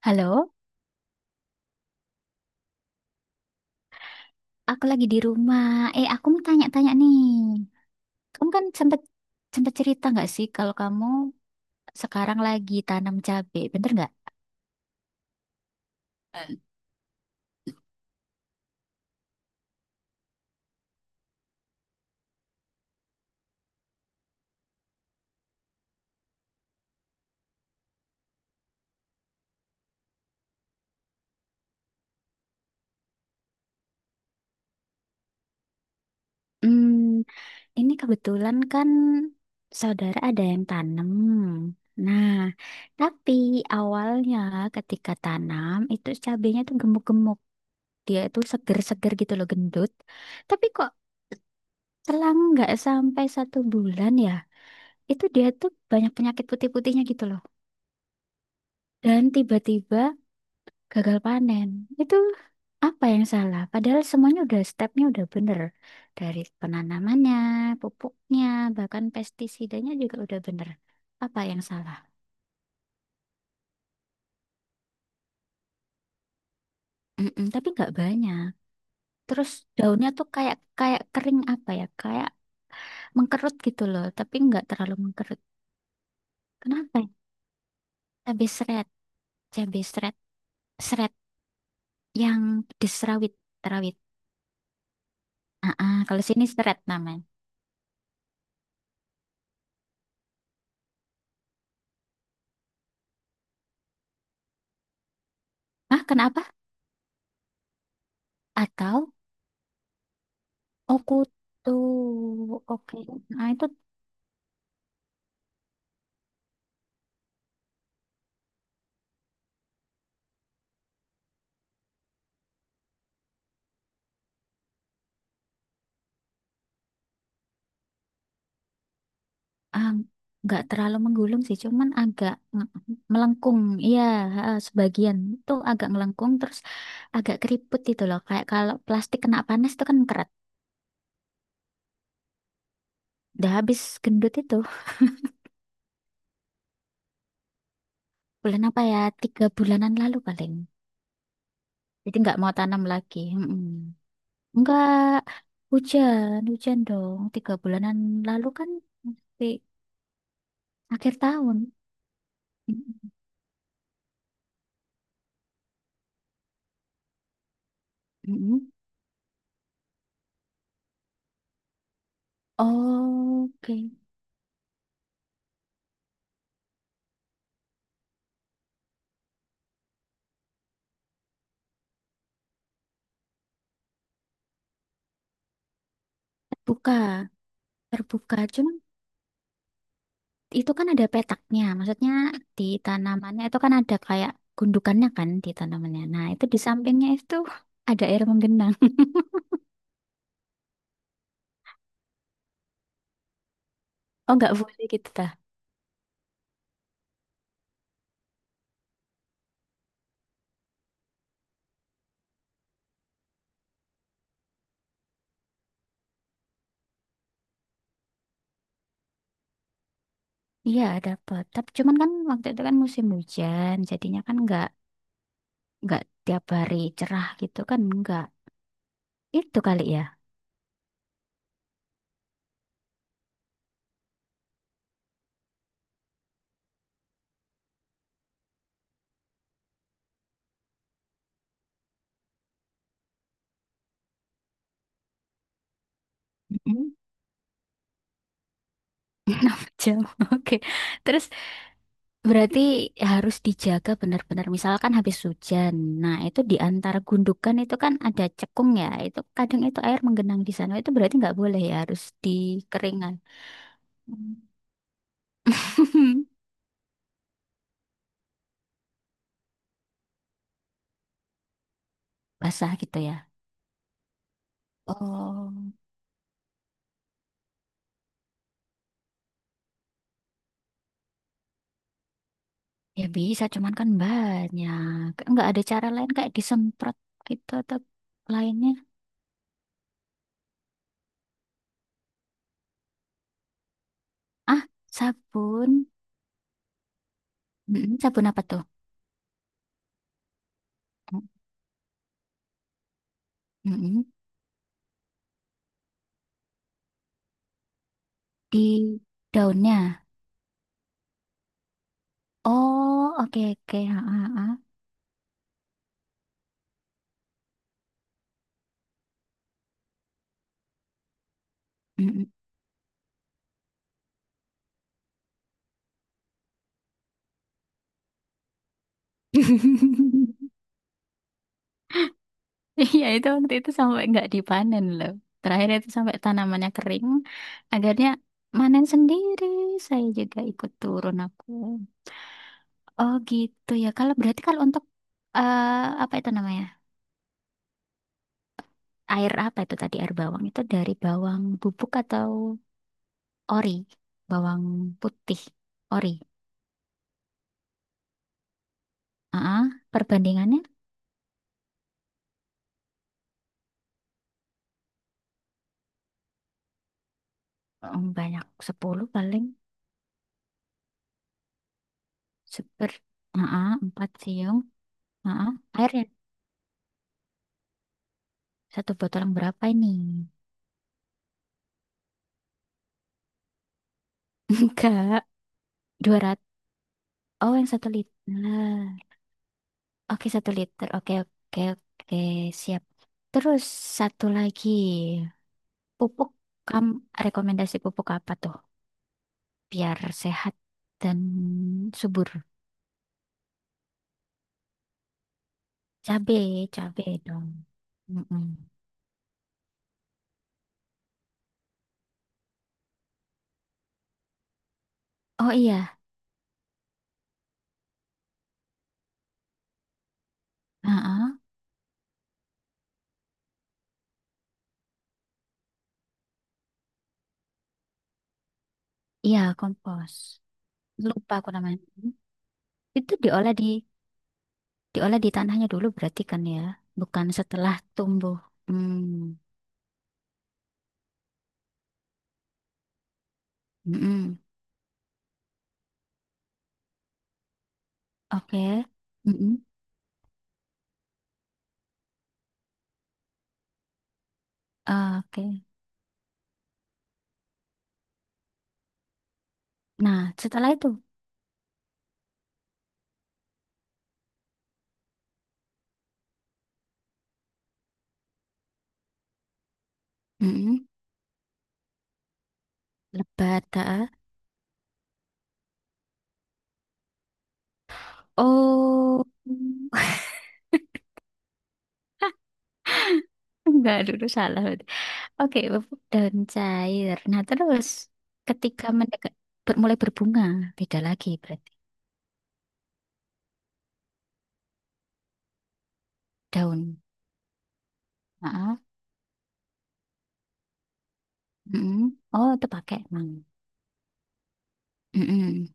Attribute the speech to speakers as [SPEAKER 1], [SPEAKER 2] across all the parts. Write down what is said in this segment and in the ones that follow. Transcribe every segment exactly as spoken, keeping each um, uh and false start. [SPEAKER 1] Halo, aku lagi di rumah. Eh, aku mau tanya-tanya nih. Kamu kan sempet sempet cerita nggak sih kalau kamu sekarang lagi tanam cabe, bener nggak? Eh. Hmm, ini kebetulan kan saudara ada yang tanam. Nah, tapi awalnya ketika tanam itu cabenya tuh gemuk-gemuk, dia itu seger-seger gitu loh, gendut. Tapi kok selang nggak sampai satu bulan ya, itu dia tuh banyak penyakit putih-putihnya gitu loh, dan tiba-tiba gagal panen. Itu apa yang salah? Padahal semuanya udah stepnya udah bener. Dari penanamannya, pupuknya, bahkan pestisidanya juga udah bener. Apa yang salah? Mm-mm, tapi nggak banyak. Terus daunnya tuh kayak kayak kering apa ya? Kayak mengkerut gitu loh, tapi nggak terlalu mengkerut. Kenapa? Ya? Cabai seret, cabai seret, seret yang di serawit, terawit. Ah, ah, kalau sini seret namanya. Ah, kenapa? Atau. Oh, kutu, oke. Nah itu ah, nggak terlalu menggulung sih, cuman agak nge- melengkung, iya ha, sebagian itu agak melengkung, terus agak keriput itu loh, kayak kalau plastik kena panas itu kan keret. Udah habis gendut itu bulan apa ya? Tiga bulanan lalu paling. Jadi nggak mau tanam lagi. Mm-mm. Nggak hujan, hujan dong. Tiga bulanan lalu kan masih akhir tahun. Mm-mm. Mm-mm. Oke. Buka. Terbuka, cuman itu kan ada petaknya. Maksudnya di tanamannya itu kan ada kayak gundukannya kan di tanamannya. Nah, itu di sampingnya itu ada air menggenang. Oh, nggak boleh gitu tah? Iya, ada. Tapi cuman kan waktu itu kan musim hujan, jadinya kan nggak nggak tiap hari cerah gitu kan nggak. Itu kali ya. Mm-mm. Jauh. Oke. Terus. Berarti harus dijaga benar-benar. Misalkan habis hujan. Nah, itu di antara gundukan itu kan ada cekung ya. Itu kadang itu air menggenang di sana. Itu berarti nggak boleh ya, harus dikeringan. Basah gitu ya. Oh. Ya bisa, cuman kan banyak. Nggak ada cara lain kayak disemprot gitu atau lainnya. Ah, sabun. Mm-mm, sabun apa tuh? Mm-mm. Di daunnya. Oh, oke oke. Ha, ha, ha. Mm-mm. Iya itu waktu itu sampai nggak dipanen loh. Terakhir itu sampai tanamannya kering. Akhirnya manen sendiri. Saya juga ikut turun aku. Oh gitu ya. Kalau berarti kalau untuk eh, apa itu namanya? Air apa itu tadi air bawang itu dari bawang bubuk atau ori? Bawang putih ori. Ah, perbandingannya em, banyak sepuluh paling seper. Ah, empat siung. Ah, airnya satu botol yang berapa ini? Enggak. Dua ratus. Oh, yang satu liter. Oke, satu liter. Oke, oke, oke. Siap. Terus satu lagi. Pupuk, kamu rekomendasi pupuk apa tuh? Biar sehat dan subur. Cabe, cabe dong. Mm-mm. Oh iya. Heeh. Iya, kompos. Lupa aku namanya. Itu diolah di diolah di tanahnya dulu berarti kan ya. Bukan setelah tumbuh. Hmm. Mm-mm. Oke. Mm-mm. Oke. Nah, setelah itu, mm lebat, ah. Oh, enggak dulu salah. Oke, pupuk daun cair. Nah, terus ketika mendekat, ber- mulai berbunga, beda lagi berarti daun. Ah, mm Oh, itu pakai emang. Mm-mm.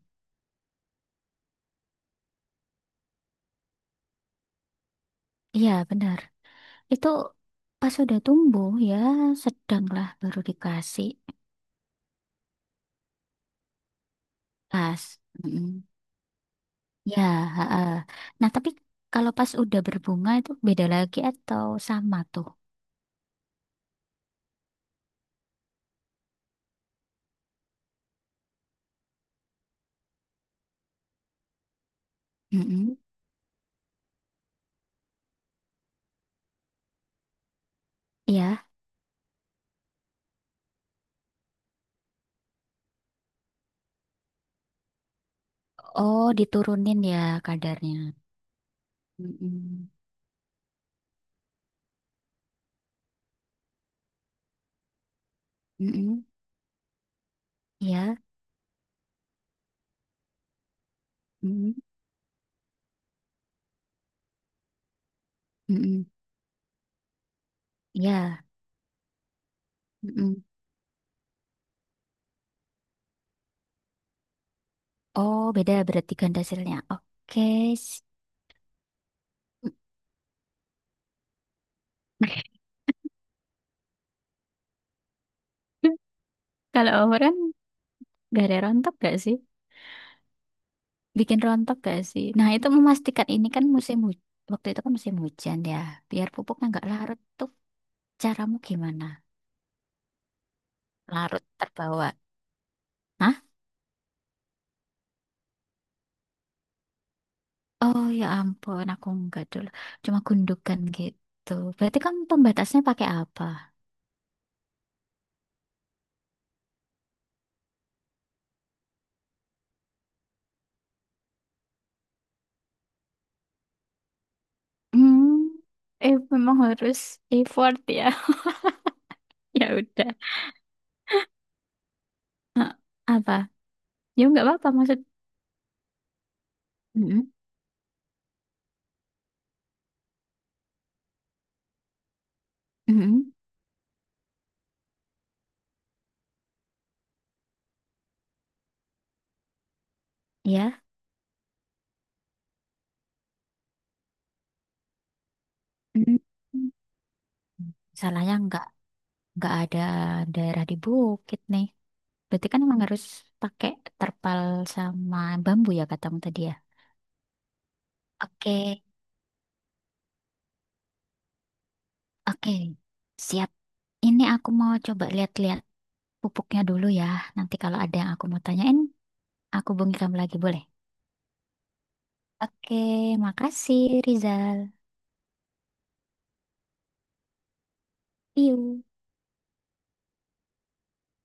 [SPEAKER 1] Iya, benar. Itu pas sudah tumbuh ya, sedanglah baru dikasih pas. Mm-mm. Ya, ha. Nah, tapi kalau pas udah berbunga itu beda lagi atau sama tuh? Mm-mm. Ya. Oh, diturunin ya kadarnya. Mm-mm. Mm-mm. Ya. Mm-mm. Mm-mm. Ya. Mm-mm. Oh, beda berarti ganda hasilnya. Oke. s- Kalau overrun gak ada rontok gak sih? Bikin rontok gak sih? Nah, itu memastikan ini kan musim hujan. Waktu itu kan musim hujan ya. Biar pupuknya nggak larut tuh. Caramu gimana? Larut terbawa. Oh ya ampun, aku enggak dulu. Cuma gundukan gitu. Berarti kamu pembatasnya pakai apa? Hmm, eh memang harus effort ya. Ya udah. Apa? Ya nggak apa-apa maksud. Mm-mm, mm-mm, ya. Mm-mm. Salahnya nggak nggak ada daerah di bukit nih. Berarti kan emang harus pakai terpal sama bambu ya katamu tadi ya. Oke, oke. Siap. Ini aku mau coba lihat-lihat pupuknya dulu ya. Nanti kalau ada yang aku mau tanyain, aku hubungi kamu lagi, boleh? Oke, makasih Rizal. See you.